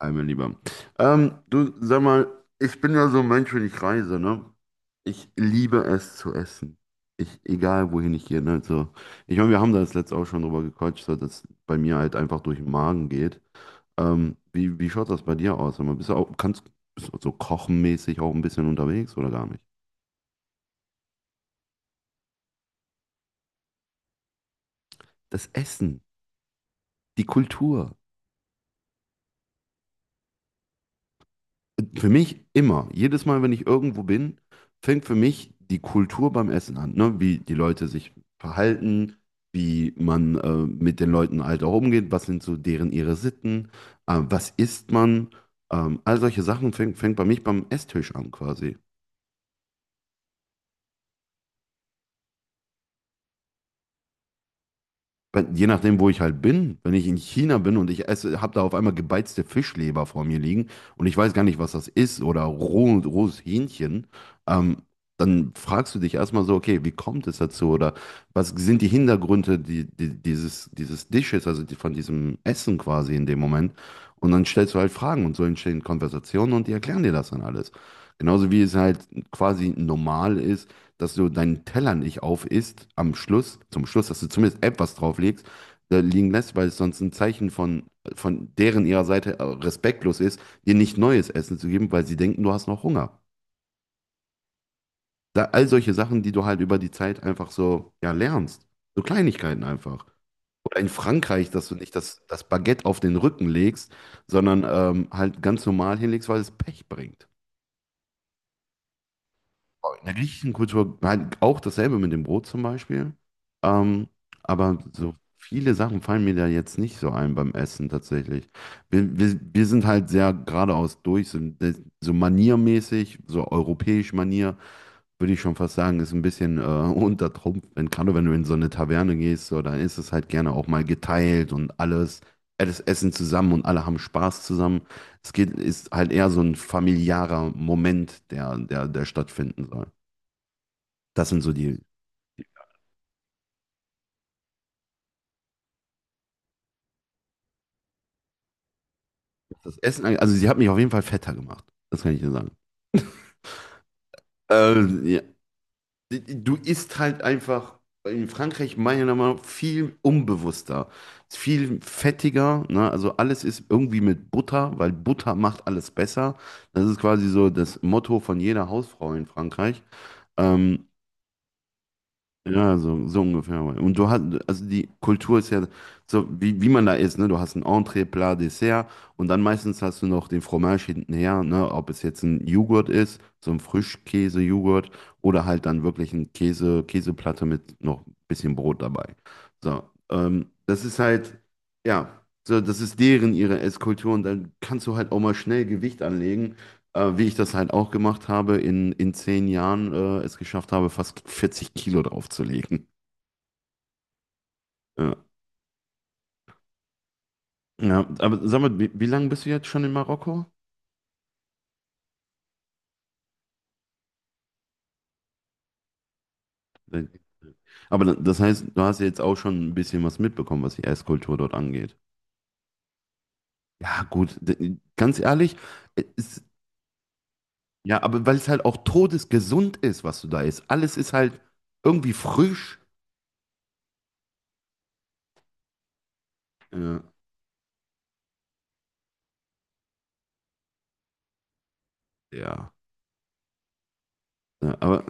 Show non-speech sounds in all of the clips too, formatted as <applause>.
Hi, mein Lieber. Du, sag mal, ich bin ja so ein Mensch, wenn ich reise, ne? Ich liebe es zu essen. Ich, egal wohin ich gehe, ne? So, ich meine, wir haben da das letzte auch schon drüber gequatscht, so dass bei mir halt einfach durch den Magen geht. Wie schaut das bei dir aus? Sag mal, bist du auch, kannst, bist du so kochenmäßig auch ein bisschen unterwegs oder gar nicht? Das Essen, die Kultur. Für mich immer, jedes Mal, wenn ich irgendwo bin, fängt für mich die Kultur beim Essen an, ne? Wie die Leute sich verhalten, wie man mit den Leuten halt auch umgeht, was sind so deren ihre Sitten, was isst man, all solche Sachen fängt bei mich beim Esstisch an quasi. Bei- Je nachdem, wo ich halt bin, wenn ich in China bin und ich esse, habe da auf einmal gebeizte Fischleber vor mir liegen und ich weiß gar nicht, was das ist oder roh, rohes Hähnchen. ähm, Dann fragst du dich erstmal so, okay, wie kommt es dazu oder was sind die Hintergründe dieses, dieses Dishes, also die, von diesem Essen quasi in dem Moment. Und dann stellst du halt Fragen und so entstehen Konversationen und die erklären dir das dann alles. Genauso wie es halt quasi normal ist, dass du deinen Teller nicht aufisst am Schluss, zum Schluss, dass du zumindest etwas drauflegst, liegen lässt, weil es sonst ein Zeichen von deren ihrer Seite respektlos ist, dir nicht neues Essen zu geben, weil sie denken, du hast noch Hunger. Da, all solche Sachen, die du halt über die Zeit einfach so, ja, lernst. So Kleinigkeiten einfach. Oder in Frankreich, dass du nicht das Baguette auf den Rücken legst, sondern halt ganz normal hinlegst, weil es Pech bringt. In der griechischen Kultur halt auch dasselbe mit dem Brot zum Beispiel. Ähm, aber so viele Sachen fallen mir da jetzt nicht so ein beim Essen tatsächlich. Wir sind halt sehr geradeaus durch, so, so maniermäßig, so europäisch Manier, würde ich schon fast sagen, ist ein bisschen <laughs> unter Trumpf. Wenn, gerade wenn du in so eine Taverne gehst, so, dann ist es halt gerne auch mal geteilt und alles, alles Essen zusammen und alle haben Spaß zusammen. Es geht, ist halt eher so ein familiärer Moment, der stattfinden soll. Das sind so die. Das Essen, angeht- also sie hat mich auf jeden Fall fetter gemacht. Das kann ich dir sagen. Ja. Du isst halt einfach in Frankreich meiner Meinung nach viel unbewusster, viel fettiger. Ne? Also alles ist irgendwie mit Butter, weil Butter macht alles besser. Das ist quasi so das Motto von jeder Hausfrau in Frankreich. Ähm, Ja, so, so ungefähr. Und du hast, also die Kultur ist ja so, wie man da ist, ne? Du hast ein Entree Plat, Dessert und dann meistens hast du noch den Fromage hintenher, ne? Ob es jetzt ein Joghurt ist, so ein Frischkäse-Joghurt oder halt dann wirklich ein Käse, Käseplatte mit noch ein bisschen Brot dabei. So, das ist halt, ja, so, das ist deren, ihre Esskultur und dann kannst du halt auch mal schnell Gewicht anlegen wie ich das halt auch gemacht habe, in 10 Jahren es geschafft habe, fast 40 Kilo draufzulegen. Ja. Ja, aber sag mal, wie lange bist du jetzt schon in Marokko? Aber da- das heißt, du hast ja jetzt auch schon ein bisschen was mitbekommen, was die Esskultur dort angeht. Ja, gut, d- ganz ehrlich, es- ja, aber weil es halt auch todesgesund ist, was du da isst. Alles ist halt irgendwie frisch. Ja, ja, ja, aber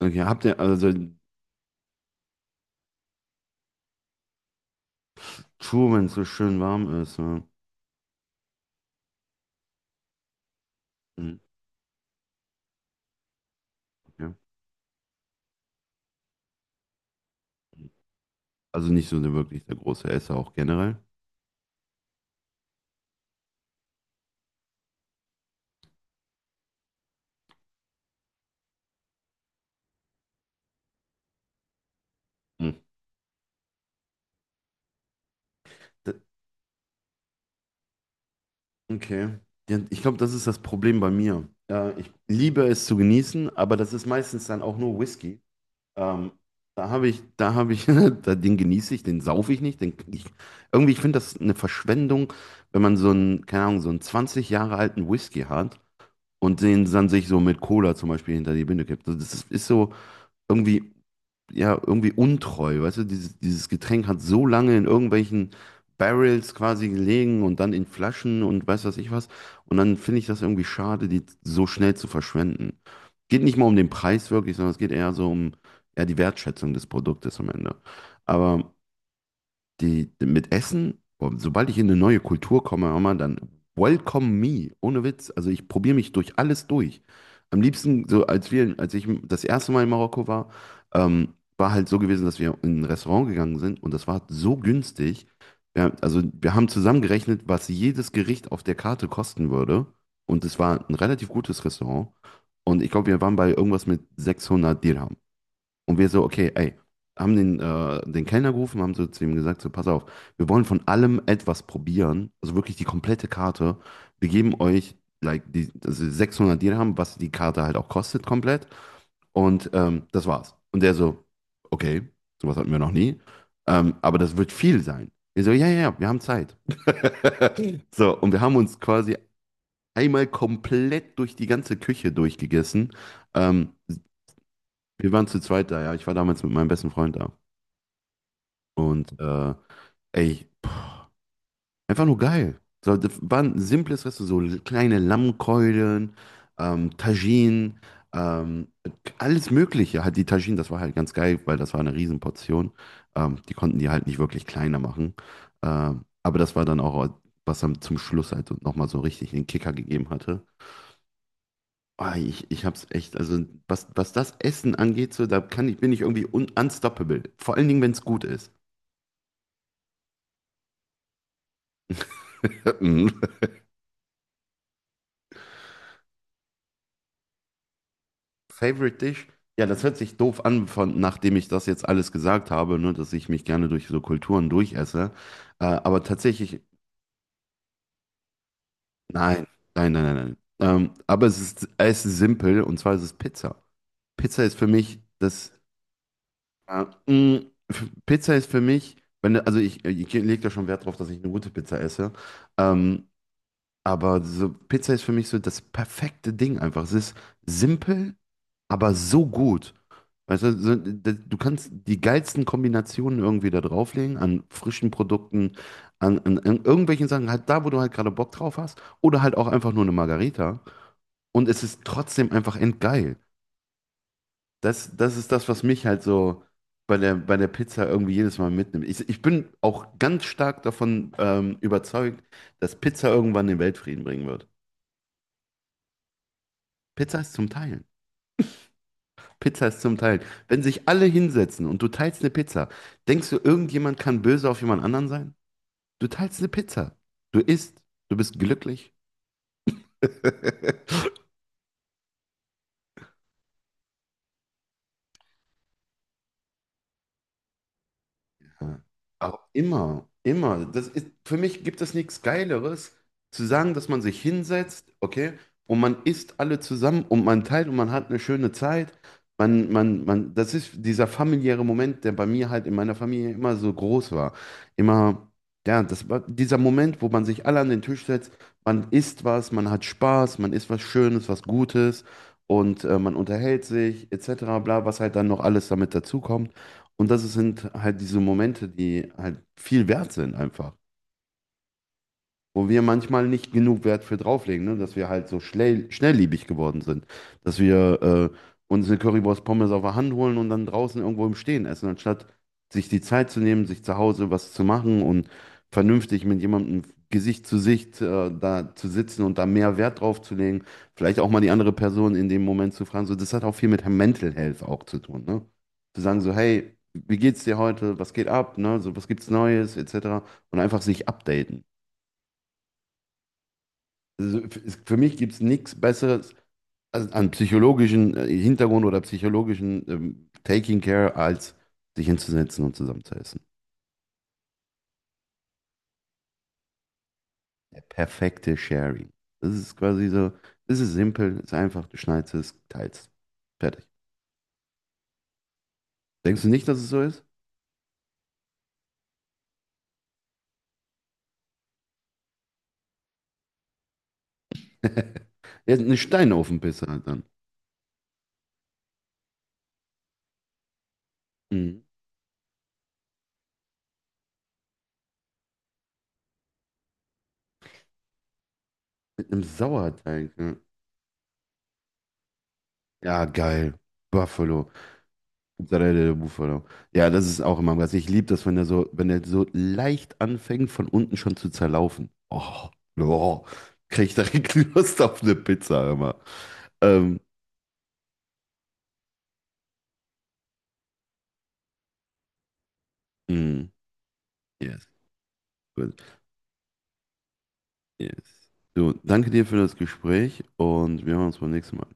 okay, habt ihr, also pff, True, wenn es so schön warm ist. Ja. Mhm, ja. Also nicht so eine wirklich der große Esser auch generell. Hm. D- Okay. Ja, ich glaube, das ist das Problem bei mir. Ich liebe es zu genießen, aber das ist meistens dann auch nur Whisky. Ähm, Da habe ich, <laughs> da, den genieße ich, den saufe ich nicht. Den, ich, irgendwie, ich finde das eine Verschwendung, wenn man so einen, keine Ahnung, so einen 20 Jahre alten Whisky hat und den dann sich so mit Cola zum Beispiel hinter die Binde kippt. Also das ist, ist so irgendwie. Ja, irgendwie untreu, weißt du, dieses, dieses Getränk hat so lange in irgendwelchen Barrels quasi gelegen und dann in Flaschen und weiß was ich was. Und dann finde ich das irgendwie schade, die so schnell zu verschwenden. Geht nicht mal um den Preis wirklich, sondern es geht eher so um eher die Wertschätzung des Produktes am Ende. Aber die, mit Essen, boah, sobald ich in eine neue Kultur komme, hör mal, dann welcome me, ohne Witz. Also ich probiere mich durch alles durch. Am liebsten, so als wir, als ich das erste Mal in Marokko war, war halt so gewesen, dass wir in ein Restaurant gegangen sind und das war so günstig. Ja, also wir haben zusammengerechnet, was jedes Gericht auf der Karte kosten würde. Und es war ein relativ gutes Restaurant. Und ich glaube, wir waren bei irgendwas mit 600 Dirham. Und wir so, okay, ey, haben den, den Kellner gerufen, haben so zu ihm gesagt, so, pass auf, wir wollen von allem etwas probieren, also wirklich die komplette Karte. Wir geben euch, like, die, also 600 Dirham, was die Karte halt auch kostet komplett. Und das war's. Und der so, okay, sowas hatten wir noch nie, aber das wird viel sein. Wir so, ja, ja, ja, wir haben Zeit. <laughs> So, und wir haben uns quasi einmal komplett durch die ganze Küche durchgegessen. Ähm, Wir waren zu zweit da, ja. Ich war damals mit meinem besten Freund da. Und ey, pff, einfach nur geil. So, das war ein simples Restaurant, so kleine Lammkeulen, Tagine, ähm, alles Mögliche. Hat die Tagine, das war halt ganz geil, weil das war eine Riesenportion. Die konnten die halt nicht wirklich kleiner machen. Aber das war dann auch, was dann zum Schluss halt nochmal so richtig den Kicker gegeben hatte. Ah, ich hab's echt, also was das Essen angeht, so, da kann ich, bin ich irgendwie un unstoppable. Vor allen Dingen, wenn es gut ist. <laughs> Mhm. Favorite Dish? Ja, das hört sich doof an, von, nachdem ich das jetzt alles gesagt habe, ne, dass ich mich gerne durch so Kulturen durchesse. Aber tatsächlich, nein, nein. Aber es ist simpel und zwar ist es Pizza. Pizza ist für mich das. Äh, mh, Pizza ist für mich, wenn, du- also ich lege da schon Wert drauf, dass ich eine gute Pizza esse. Ähm, aber so, Pizza ist für mich so das perfekte Ding einfach. Es ist simpel, aber so gut. Weißt du, so, d- du kannst die geilsten Kombinationen irgendwie da drauflegen, an frischen Produkten, an irgendwelchen Sachen, halt da, wo du halt gerade Bock drauf hast, oder halt auch einfach nur eine Margarita. Und es ist trotzdem einfach endgeil. Das ist das, was mich halt so bei der Pizza irgendwie jedes Mal mitnimmt. Ich bin auch ganz stark davon überzeugt, dass Pizza irgendwann den Weltfrieden bringen wird. Pizza ist zum Teilen. Pizza ist zum Teilen. Wenn sich alle hinsetzen und du teilst eine Pizza, denkst du, irgendjemand kann böse auf jemand anderen sein? Du teilst eine Pizza. Du isst. Du bist glücklich. <laughs> Ja. Aber immer, immer. Das ist, für mich gibt es nichts Geileres, zu sagen, dass man sich hinsetzt, okay, und man isst alle zusammen und man teilt und man hat eine schöne Zeit. Man, das ist dieser familiäre Moment, der bei mir halt in meiner Familie immer so groß war. Immer, ja, das war dieser Moment, wo man sich alle an den Tisch setzt, man isst was, man hat Spaß, man isst was Schönes, was Gutes und man unterhält sich, etc., bla, was halt dann noch alles damit dazukommt. Und das sind halt diese Momente, die halt viel wert sind einfach, wo wir manchmal nicht genug Wert für drauflegen, ne? Dass wir halt so schnell, schnellliebig geworden sind. Dass wir äh, uns eine Currywurst Pommes auf der Hand holen und dann draußen irgendwo im Stehen essen, anstatt sich die Zeit zu nehmen, sich zu Hause was zu machen und vernünftig mit jemandem Gesicht zu Sicht da zu sitzen und da mehr Wert drauf zu legen. Vielleicht auch mal die andere Person in dem Moment zu fragen. So, das hat auch viel mit Mental Health auch zu tun, ne? Zu sagen so, hey, wie geht's dir heute? Was geht ab? Ne? So, was gibt's Neues? Etc. Und einfach sich updaten. Also für mich gibt es nichts Besseres als- an psychologischen Hintergrund oder psychologischen Taking Care, als sich hinzusetzen und zusammen. Der perfekte Sharing. Das ist quasi so, es ist simpel, es ist einfach, du schneidest es, teilst. Fertig. Denkst du nicht, dass es so ist? Ja, eine Steinofenpizza halt dann. Mhm. Mit einem Sauerteig. Ja, ja geil. Buffalo. Mozzarella de Bufalo. Ja, das ist auch immer was. Ich liebe das, wenn der so, wenn der so leicht anfängt, von unten schon zu zerlaufen. Oh, oh, krieg ich direkt <laughs> Lust auf eine Pizza immer. Ähm, mm, yes, gut, yes. So, danke dir für das Gespräch und wir hören uns beim nächsten Mal.